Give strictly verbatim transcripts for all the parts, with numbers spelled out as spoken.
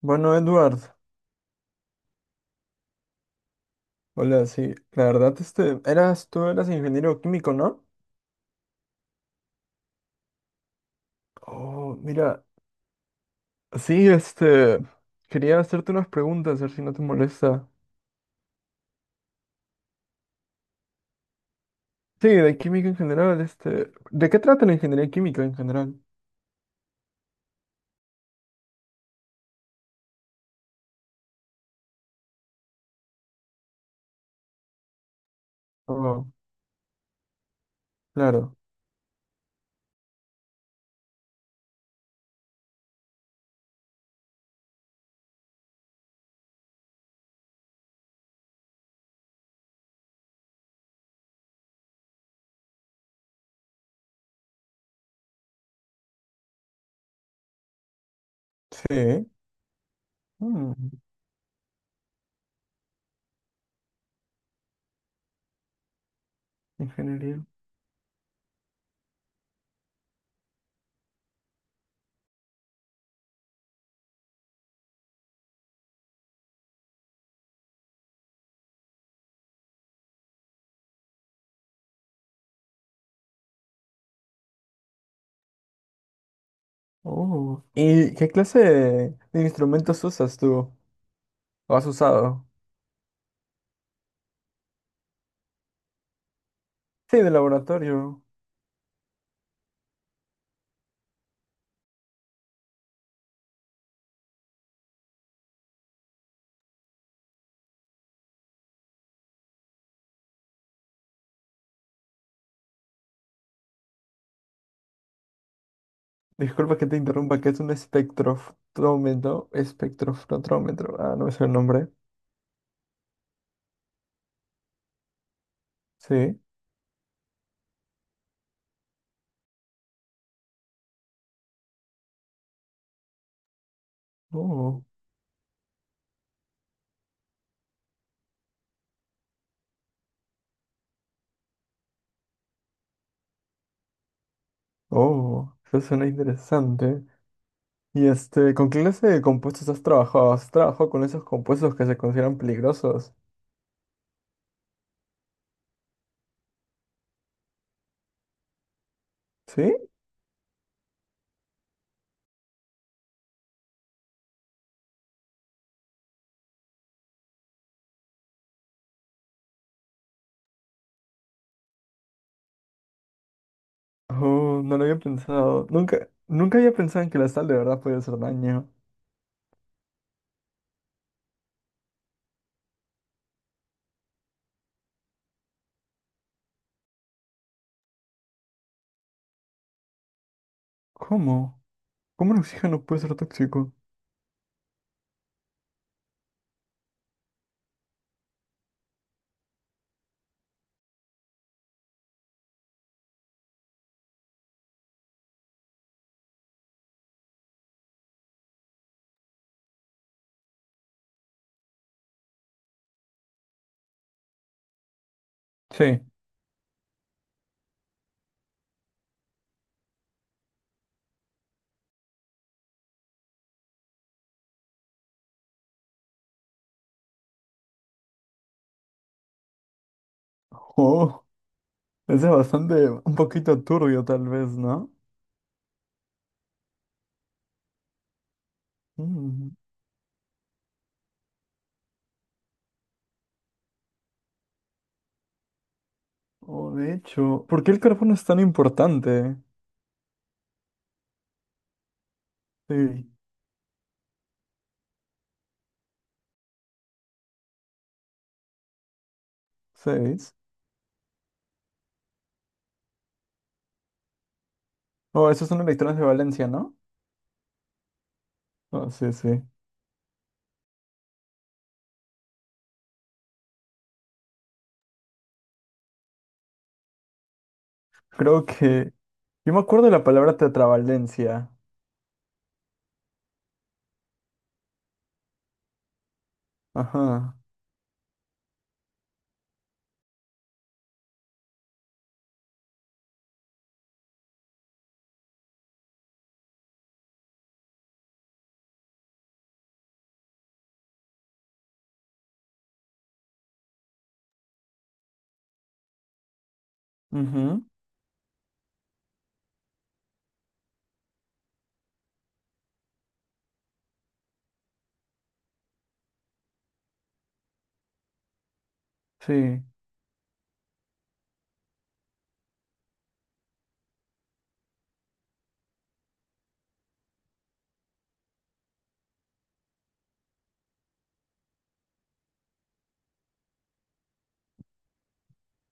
Bueno, Edward, hola, sí, la verdad, este, eras, tú eras ingeniero químico, ¿no? Oh, mira, sí, este, quería hacerte unas preguntas, a ver si no te molesta. Sí, de química en general, este, ¿de qué trata la ingeniería química en general? Oh, claro, sí, mm, ingeniería, oh. ¿Y qué clase de instrumentos usas tú, o has usado? Sí, de laboratorio. Disculpa que te interrumpa, que es un espectrofrómetro, espectrofrómetro, ah, no me sé el nombre, sí, oh, oh, eso suena interesante. Y este, ¿con qué clase de compuestos has trabajado? ¿Has trabajado con esos compuestos que se consideran peligrosos? ¿Sí? Oh, no lo había pensado, nunca, nunca había pensado en que la sal de verdad puede hacer daño. ¿Cómo? ¿Cómo el oxígeno puede ser tóxico? Sí. Oh, eso es bastante, un poquito turbio tal vez, ¿no? Mm. Oh, de hecho, ¿por qué el carbono es tan importante? Sí, seis. Oh, esos son electrones de valencia, ¿no? Oh, sí, sí. Creo que... Yo me acuerdo de la palabra tetravalencia. Ajá. Ujú. Sí,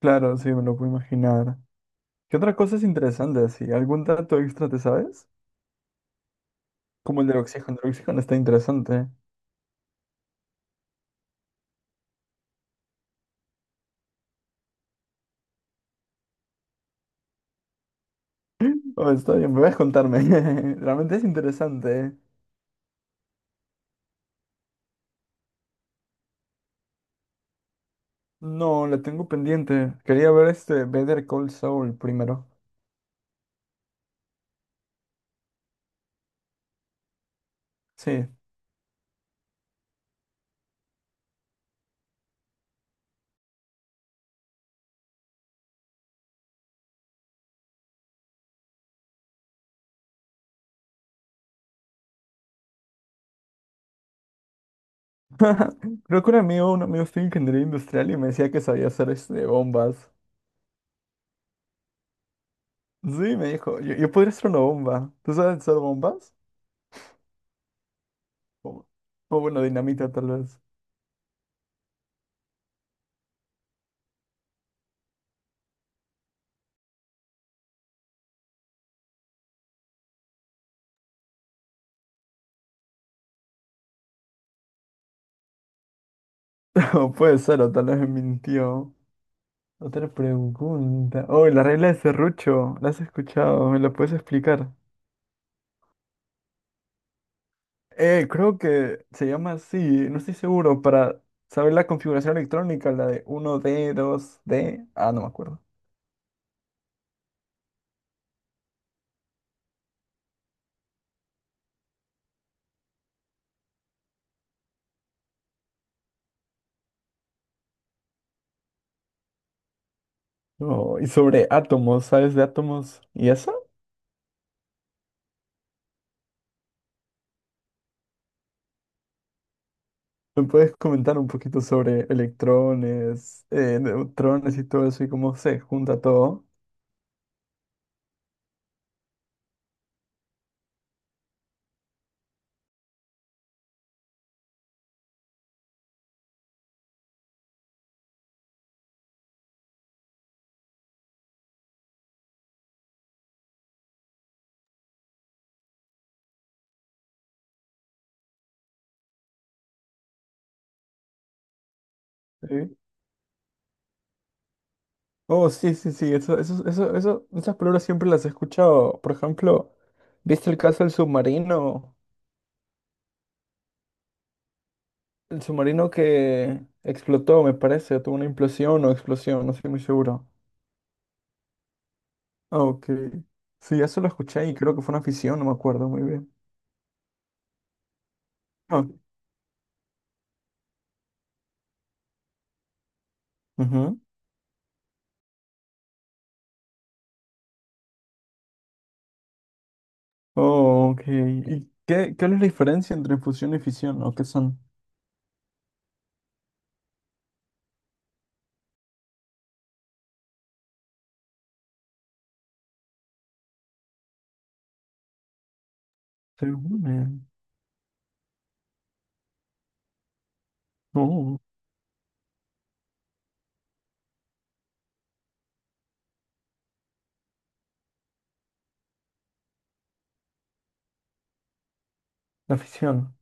claro, sí, me lo puedo imaginar. ¿Qué otra cosa es interesante así? ¿Algún dato extra te sabes? Como el del oxígeno. El oxígeno está interesante. Oh, está bien, me vas a contarme. Realmente es interesante. No, la tengo pendiente. Quería ver este Better Call Saul primero. Sí, Creo que un amigo, un amigo estudia ingeniería industrial y me decía que sabía hacer este, bombas. Sí, me dijo, yo, yo podría hacer una bomba. ¿Tú sabes hacer bombas? O, o bueno, dinamita tal vez. O puede ser, o tal vez me mintió. Otra pregunta. Oh, la regla de serrucho. ¿La has escuchado? ¿Me la puedes explicar? Eh, creo que se llama así, no estoy seguro, para saber la configuración electrónica, la de uno d dos d. Ah, no me acuerdo. No y sobre átomos, ¿sabes de átomos? Y eso, ¿me puedes comentar un poquito sobre electrones, eh, neutrones y todo eso y cómo se junta todo? ¿Sí? Oh, sí, sí, sí, eso, eso, eso, eso, esas palabras siempre las he escuchado. Por ejemplo, ¿viste el caso del submarino? El submarino que explotó, me parece, tuvo una implosión o explosión, no estoy muy seguro. Ah, ok. Sí, eso lo escuché y creo que fue una fisión, no me acuerdo muy bien. Ah, ujú. Oh, ok. ¿Y qué, cuál es la diferencia entre fusión y fisión? ¿O qué son? Se unen. Oh, la fisión.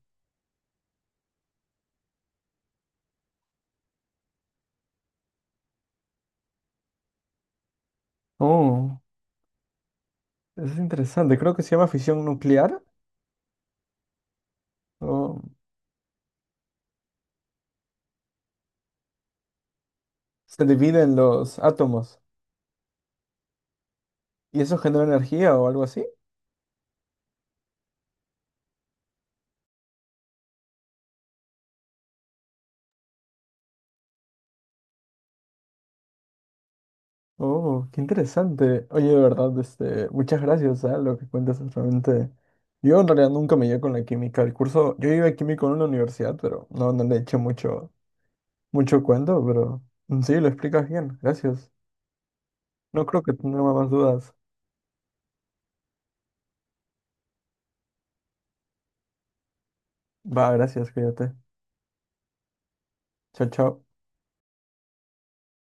Oh, eso es interesante. Creo que se llama fisión nuclear. Oh, se dividen los átomos y eso genera energía o algo así. Oh, qué interesante. Oye, de verdad, este, muchas gracias a lo que cuentas es realmente. Yo en realidad nunca me llevé con la química. El curso, yo iba a químico en una universidad, pero no, no le eché mucho, mucho cuento, pero mm, sí, lo explicas bien. Gracias. No creo que tenga más dudas. Va, gracias, cuídate. Chao, chao.